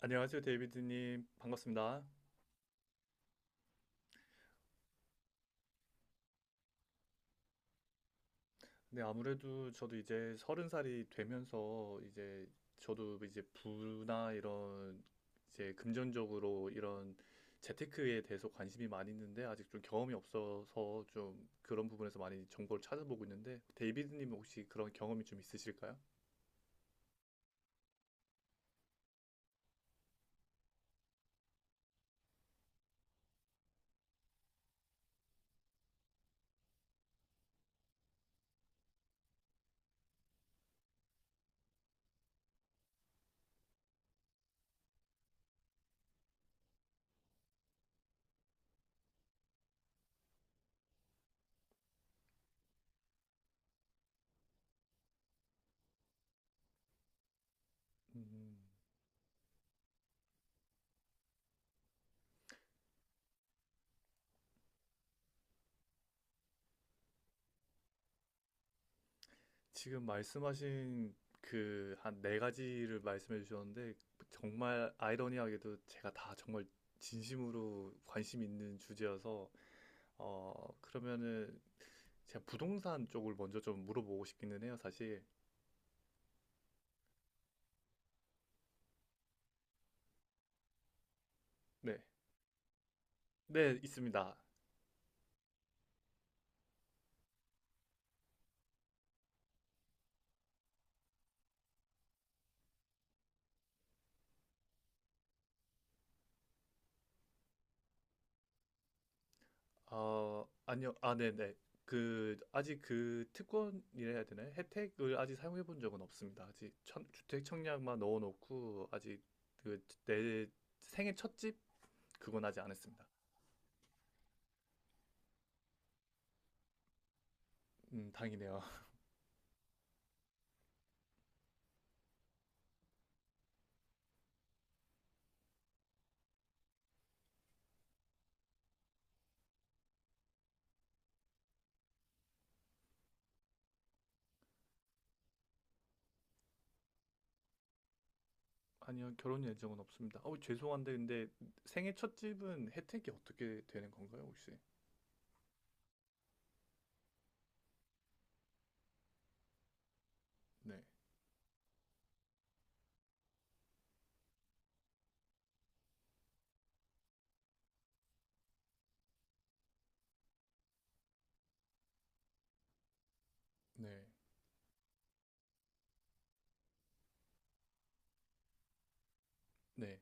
안녕하세요, 데이비드님. 반갑습니다. 네, 아무래도 저도 이제 서른 살이 되면서 이제 저도 이제 부나 이런 이제 금전적으로 이런 재테크에 대해서 관심이 많이 있는데 아직 좀 경험이 없어서 좀 그런 부분에서 많이 정보를 찾아보고 있는데 데이비드님 혹시 그런 경험이 좀 있으실까요? 음. 지금 말씀하신 그 한 네 가지를 말씀해 주셨는데 정말 아이러니하게도 제가 다 정말 진심으로 관심 있는 주제여서 그러면은 제가 부동산 쪽을 먼저 좀 물어보고 싶기는 해요, 사실. 네. 네, 있습니다. 아니요. 아, 네네. 아직 그 특권이라 해야 되나요? 혜택을 아직 사용해 본 적은 없습니다. 아직 주택 청약만 넣어놓고, 아직 내 생애 첫집 그건 아직 안 했습니다. 다행이네요. 아니요, 결혼 예정은 없습니다. 죄송한데 근데 생애 첫 집은 혜택이 어떻게 되는 건가요, 혹시? 네, 네, 네,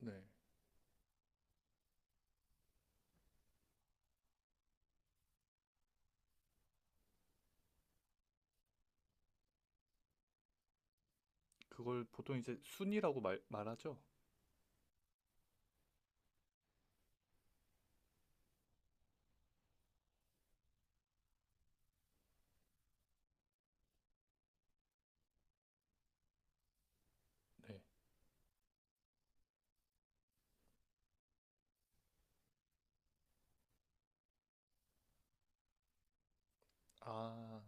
네. 그걸 보통 이제 순이라고 말하죠? 네. 아,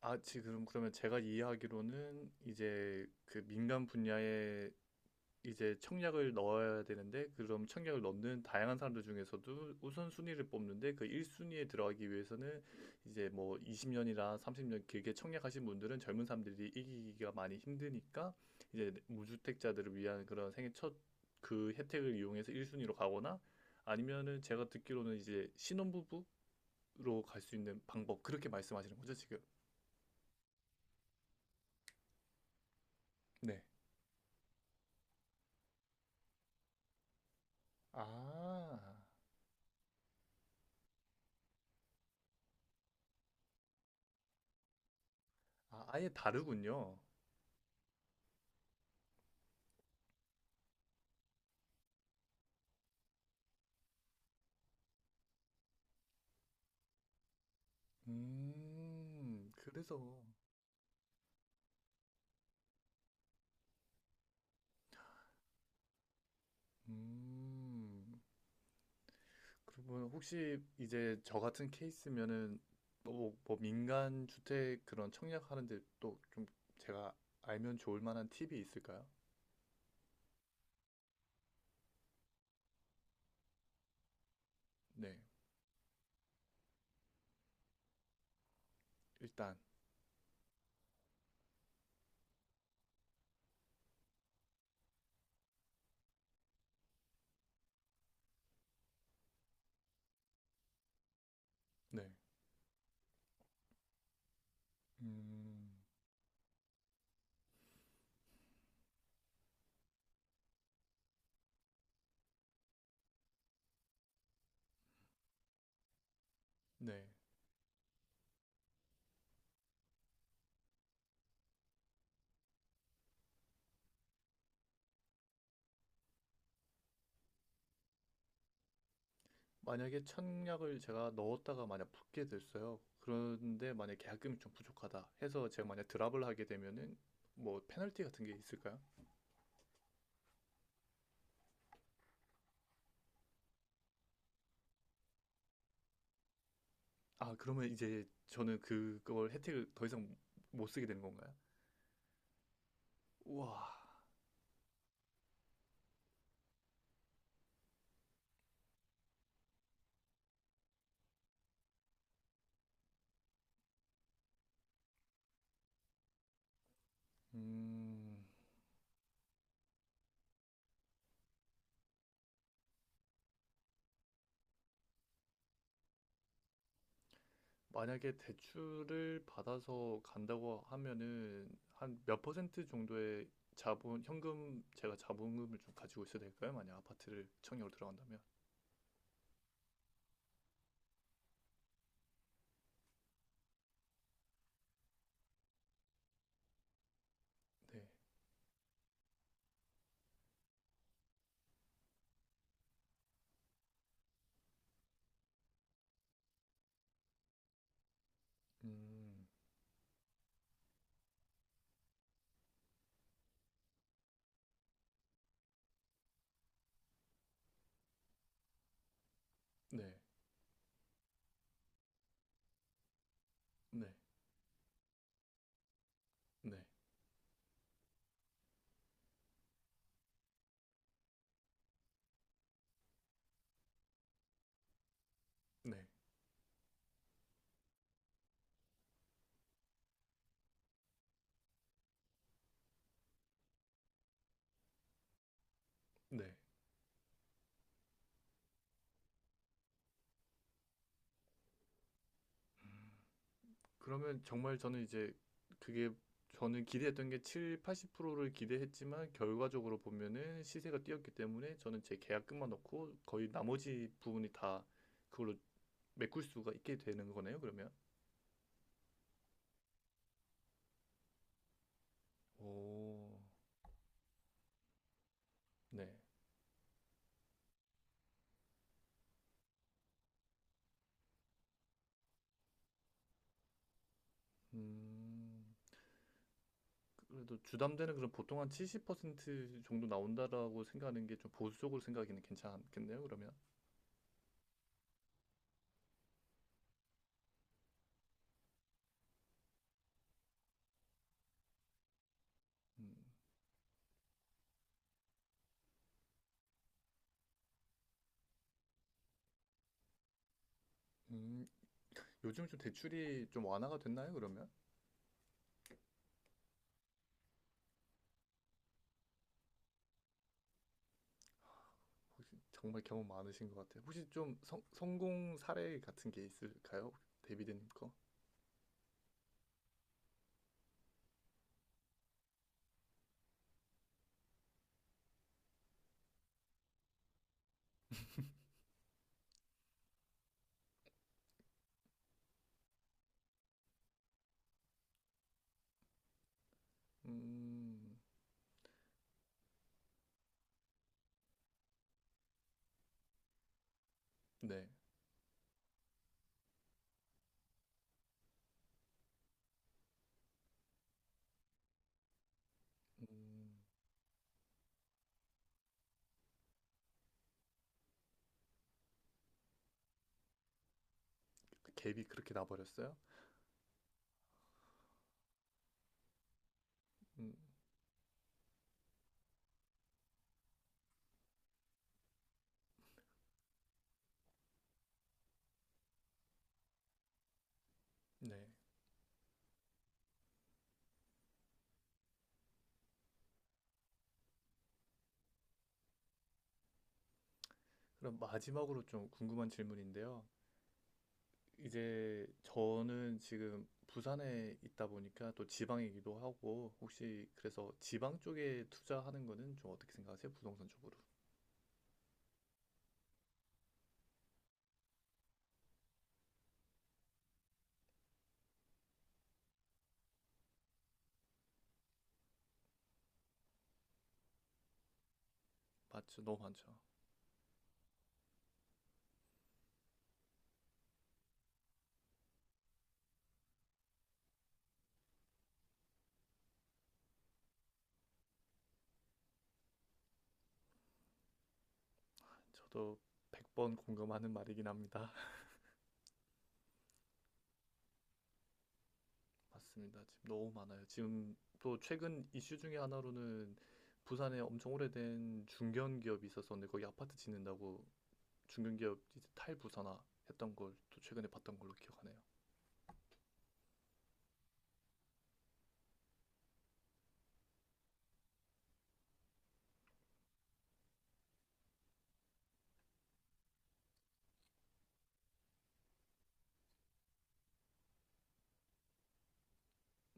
아, 지금 그러면 제가 이해하기로는 이제 그 민간 분야의 이제 청약을 넣어야 되는데 그럼 청약을 넣는 다양한 사람들 중에서도 우선순위를 뽑는데 그 1순위에 들어가기 위해서는 이제 뭐 20년이나 30년 길게 청약하신 분들은 젊은 사람들이 이기기가 많이 힘드니까 이제 무주택자들을 위한 그런 생애 첫 그 혜택을 이용해서 1순위로 가거나 아니면은 제가 듣기로는 이제 신혼부부로 갈 수 있는 방법 그렇게 말씀하시는 거죠, 지금? 네. 아, 아, 아예 다르군요. 그래서. 음, 그러면 혹시 이제 저 같은 케이스면은 뭐 민간 주택 그런 청약하는데 또 좀 제가 알면 좋을 만한 팁이 있을까요? 네, 일단 네, 음, 네. 만약에 청약을 제가 넣었다가 만약 붙게 됐어요. 그런데 만약 계약금이 좀 부족하다 해서 제가 만약 드랍을 하게 되면은 뭐 페널티 같은 게 있을까요? 아, 그러면 이제 저는 그걸 혜택을 더 이상 못 쓰게 되는 건가요? 우와. 음, 만약에 대출을 받아서 간다고 하면은 한 몇 퍼센트 정도의 자본, 현금, 제가 자본금을 좀 가지고 있어야 될까요? 만약 아파트를 청약으로 들어간다면. 네. 음, 네, 네, 네, 네, 네. 그러면 정말 저는 이제 그게 저는 기대했던 게 7, 80%를 기대했지만 결과적으로 보면은 시세가 뛰었기 때문에 저는 제 계약금만 넣고 거의 나머지 부분이 다 그걸로 메꿀 수가 있게 되는 거네요, 그러면? 오, 네. 음, 그래도 주담대는 그럼 보통 한 70% 정도 나온다라고 생각하는 게 좀 보수적으로 생각하기는 괜찮겠네요, 그러면? 음, 음, 요즘 좀 대출이 좀 완화가 됐나요, 그러면? 혹시 정말 경험 많으신 것 같아요. 혹시 좀 성공 사례 같은 게 있을까요? 데이비드님 거? 음, 네. 음, 그 갭이 그렇게 나버렸어요? 음, 네. 그럼 마지막으로 좀 궁금한 질문인데요. 이제 저는 지금 부산에 있다 보니까 또 지방이기도 하고 혹시 그래서 지방 쪽에 투자하는 거는 좀 어떻게 생각하세요? 부동산 쪽으로. 맞죠? 너무 많죠. 저도 100번 공감하는 말이긴 합니다. 맞습니다. 지금 너무 많아요. 지금 또 최근 이슈 중에 하나로는 부산에 엄청 오래된 중견 기업이 있었었는데 거기 아파트 짓는다고 중견 기업 이제 탈부산화 했던 걸 또 최근에 봤던 걸로 기억하네요.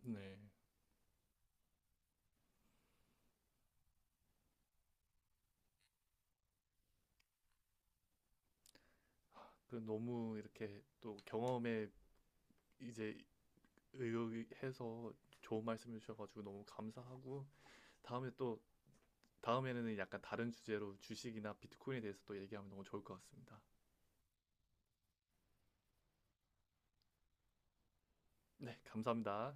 네. 그 너무 이렇게 또 경험에 이제 의논해서 좋은 말씀해 주셔가지고 너무 감사하고 다음에 또 다음에는 약간 다른 주제로 주식이나 비트코인에 대해서 또 얘기하면 너무 좋을 것 같습니다. 네, 감사합니다.